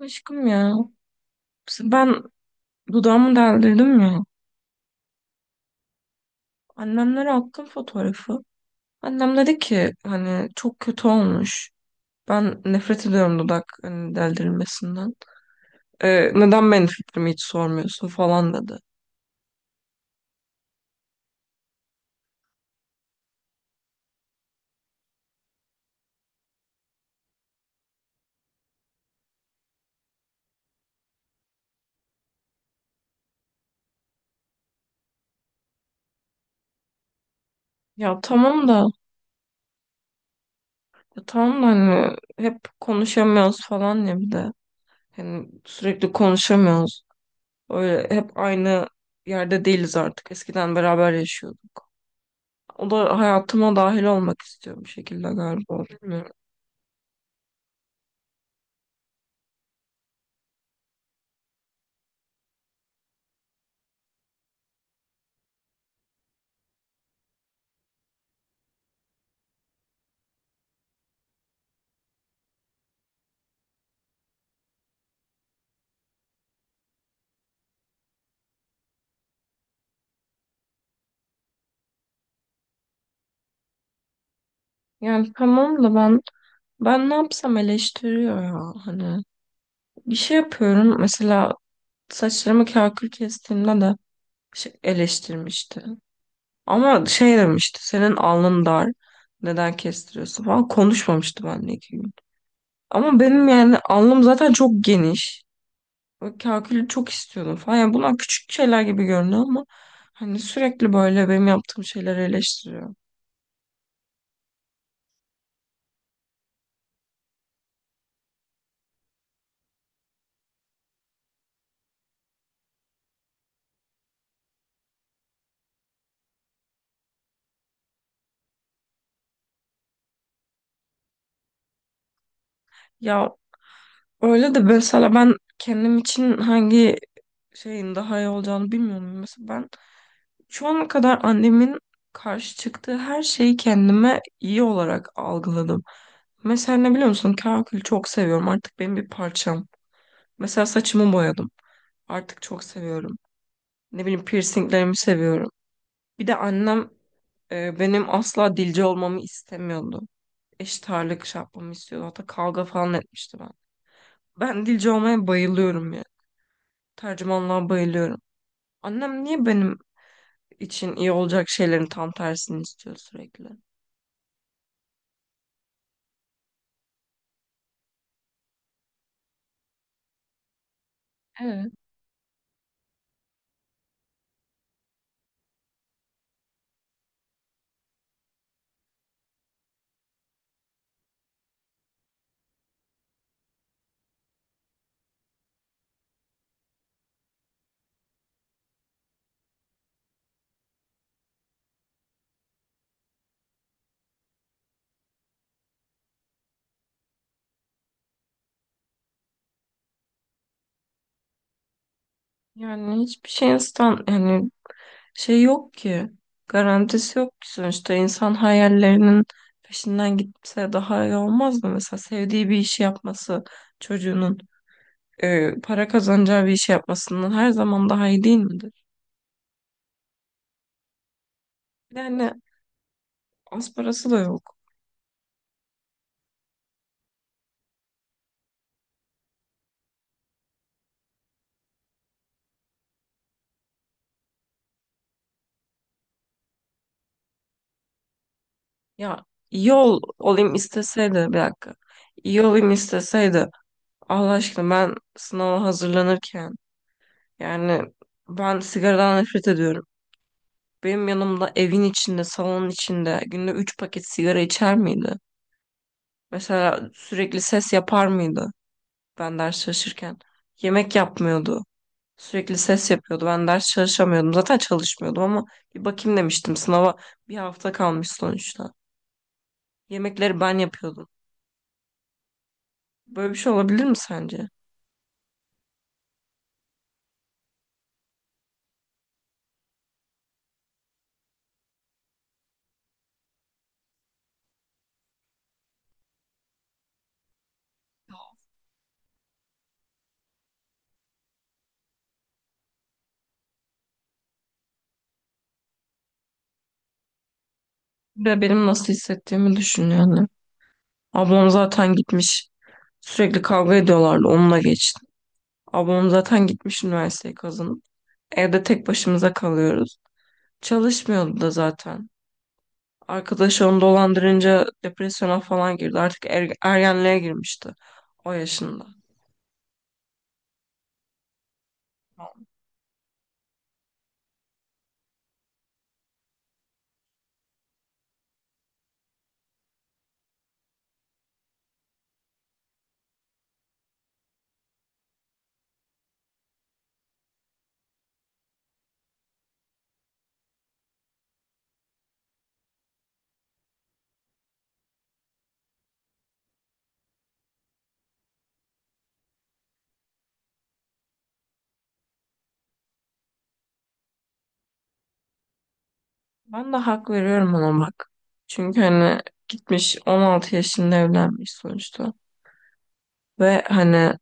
Aşkım ya. Ben dudağımı deldirdim ya. Annemlere attım fotoğrafı. Annem dedi ki hani çok kötü olmuş. Ben nefret ediyorum dudak hani deldirilmesinden. Neden benim fikrimi hiç sormuyorsun falan dedi. Ya tamam da ya tamam da hani hep konuşamıyoruz falan ya bir de. Hani sürekli konuşamıyoruz. Öyle hep aynı yerde değiliz artık. Eskiden beraber yaşıyorduk. O da hayatıma dahil olmak istiyor bir şekilde galiba. Bilmiyorum. Yani tamam da ben ne yapsam eleştiriyor ya hani bir şey yapıyorum mesela saçlarımı kakül kestiğimde de şey eleştirmişti, ama şey demişti, senin alnın dar, neden kestiriyorsun falan, konuşmamıştı benimle iki gün, ama benim yani alnım zaten çok geniş ve kakülü çok istiyordum falan. Yani bunlar küçük şeyler gibi görünüyor ama hani sürekli böyle benim yaptığım şeyleri eleştiriyor. Ya öyle de mesela ben kendim için hangi şeyin daha iyi olacağını bilmiyorum. Mesela ben şu ana kadar annemin karşı çıktığı her şeyi kendime iyi olarak algıladım. Mesela ne biliyor musun? Kakül çok seviyorum. Artık benim bir parçam. Mesela saçımı boyadım. Artık çok seviyorum. Ne bileyim piercinglerimi seviyorum. Bir de annem benim asla dilci olmamı istemiyordu. Eşit ağırlık şey yapmamı istiyordu. Hatta kavga falan etmişti ben. Ben dilci olmaya bayılıyorum ya. Tercümanlığa bayılıyorum. Annem niye benim için iyi olacak şeylerin tam tersini istiyor sürekli. Evet. Yani hiçbir şeyin stand yani Şey yok ki. Garantisi yok ki. Sonuçta insan hayallerinin peşinden gitse daha iyi olmaz mı? Mesela sevdiği bir işi yapması, çocuğunun para kazanacağı bir işi yapmasından her zaman daha iyi değil midir? Yani az parası da yok. Ya olayım isteseydi bir dakika. İyi olayım isteseydi Allah aşkına ben sınava hazırlanırken, yani ben sigaradan nefret ediyorum. Benim yanımda evin içinde, salonun içinde günde 3 paket sigara içer miydi? Mesela sürekli ses yapar mıydı ben ders çalışırken? Yemek yapmıyordu. Sürekli ses yapıyordu. Ben ders çalışamıyordum. Zaten çalışmıyordum ama bir bakayım demiştim. Sınava bir hafta kalmış sonuçta. Yemekleri ben yapıyordum. Böyle bir şey olabilir mi sence? Bir benim nasıl hissettiğimi düşün yani. Ablam zaten gitmiş. Sürekli kavga ediyorlardı. Onunla geçti. Ablam zaten gitmiş üniversiteyi kazanıp. Evde tek başımıza kalıyoruz. Çalışmıyordu da zaten. Arkadaşı onu dolandırınca depresyona falan girdi. Artık ergenliğe girmişti o yaşında. Ben de hak veriyorum ona bak. Çünkü hani gitmiş 16 yaşında evlenmiş sonuçta. Ve hani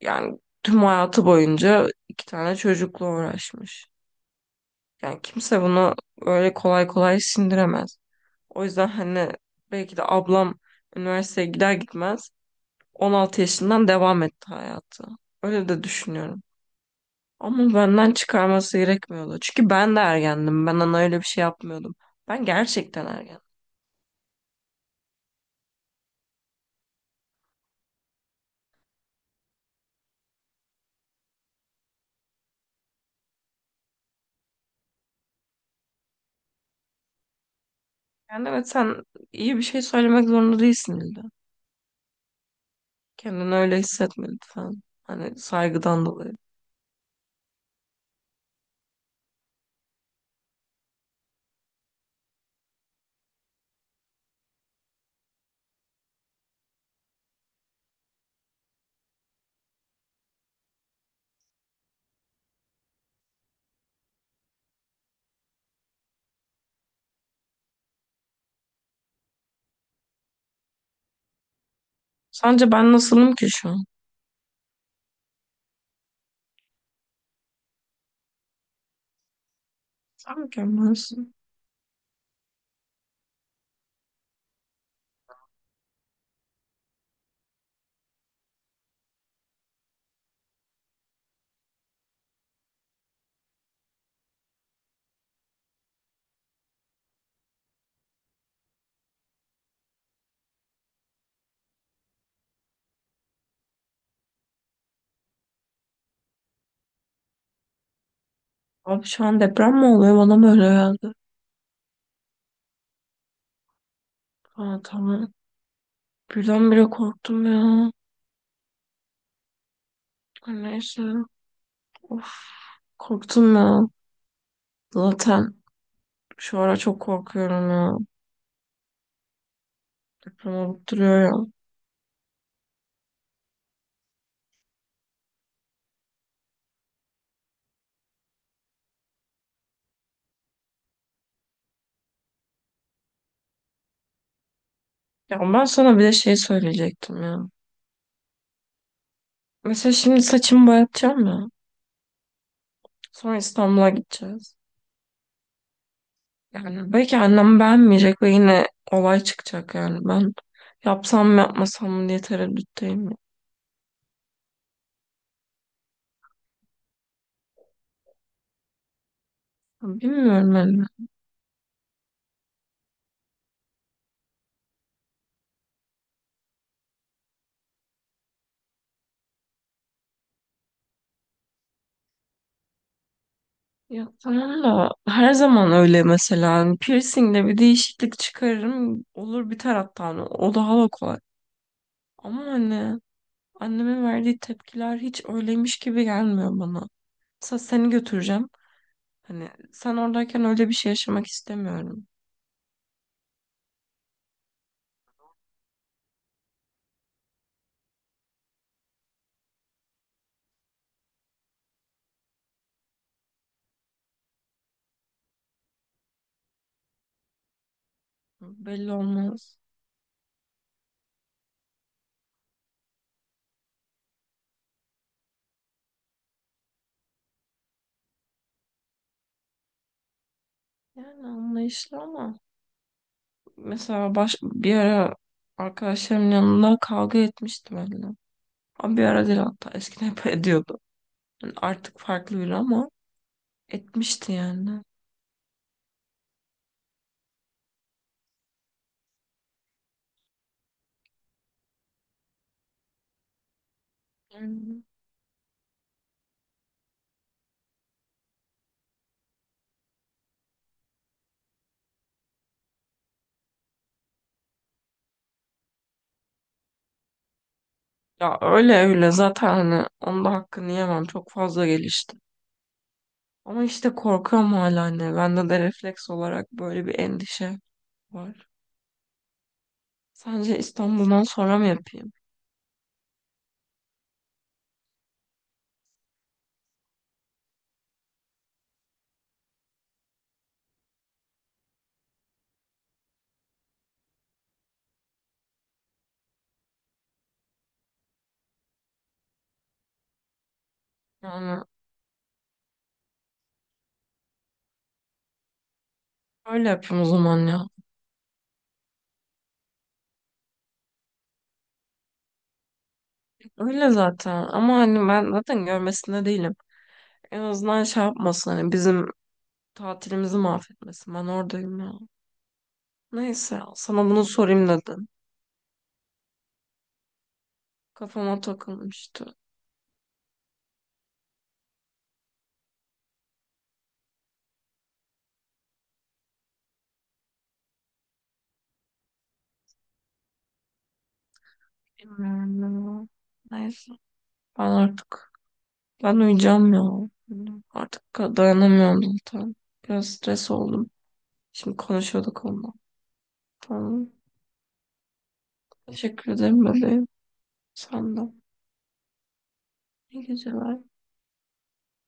yani tüm hayatı boyunca iki tane çocukla uğraşmış. Yani kimse bunu öyle kolay kolay sindiremez. O yüzden hani belki de ablam üniversiteye gider gitmez 16 yaşından devam etti hayatı. Öyle de düşünüyorum. Ama benden çıkarması gerekmiyordu. Çünkü ben de ergendim. Ben ona öyle bir şey yapmıyordum. Ben gerçekten ergendim. Yani evet, sen iyi bir şey söylemek zorunda değilsin illa. Kendini öyle hissetme lütfen. Hani saygıdan dolayı. Sence ben nasılım ki şu an? Sen mükemmelsin. Abi şu an deprem mi oluyor? Bana mı öyle geldi? Aa, tamam. Birdenbire korktum ya. Neyse. Of, korktum ya. Zaten şu ara çok korkuyorum ya. Deprem olup duruyor ya. Ya ben sana bir de şey söyleyecektim ya. Mesela şimdi saçımı boyatacağım ya. Sonra İstanbul'a gideceğiz. Yani belki annem beğenmeyecek ve yine olay çıkacak yani. Ben yapsam mı yapmasam mı diye tereddütteyim ya. Bilmiyorum yani. Ya tamam da her zaman öyle mesela. Hani piercing'de bir değişiklik çıkarırım. Olur biter hatta. Hani o daha da kolay. Ama hani annemin verdiği tepkiler hiç öyleymiş gibi gelmiyor bana. Sa seni götüreceğim. Hani sen oradayken öyle bir şey yaşamak istemiyorum. Belli olmaz. Yani anlayışlı ama mesela bir ara arkadaşlarımın yanında kavga etmişti benimle. Ama bir ara değil, hatta eskiden hep ediyordu. Yani artık farklı biri ama etmişti yani. Yani ya öyle öyle zaten hani onda hakkını yemem çok fazla gelişti. Ama işte korkuyorum hala anne. Bende de refleks olarak böyle bir endişe var. Sence İstanbul'dan sonra mı yapayım? Yani öyle yapayım o zaman ya. Öyle zaten. Ama hani ben zaten görmesinde değilim. En azından şey yapmasın hani bizim tatilimizi mahvetmesin. Ben oradayım ya. Neyse, sana bunu sorayım dedim. Kafama takılmıştı. Bilmiyorum ya. Neyse, ben artık, ben uyuyacağım ya. Artık dayanamıyorum zaten. Biraz stres oldum. Şimdi konuşuyorduk onunla. Tamam. Teşekkür ederim bebeğim. Sen de. İyi geceler.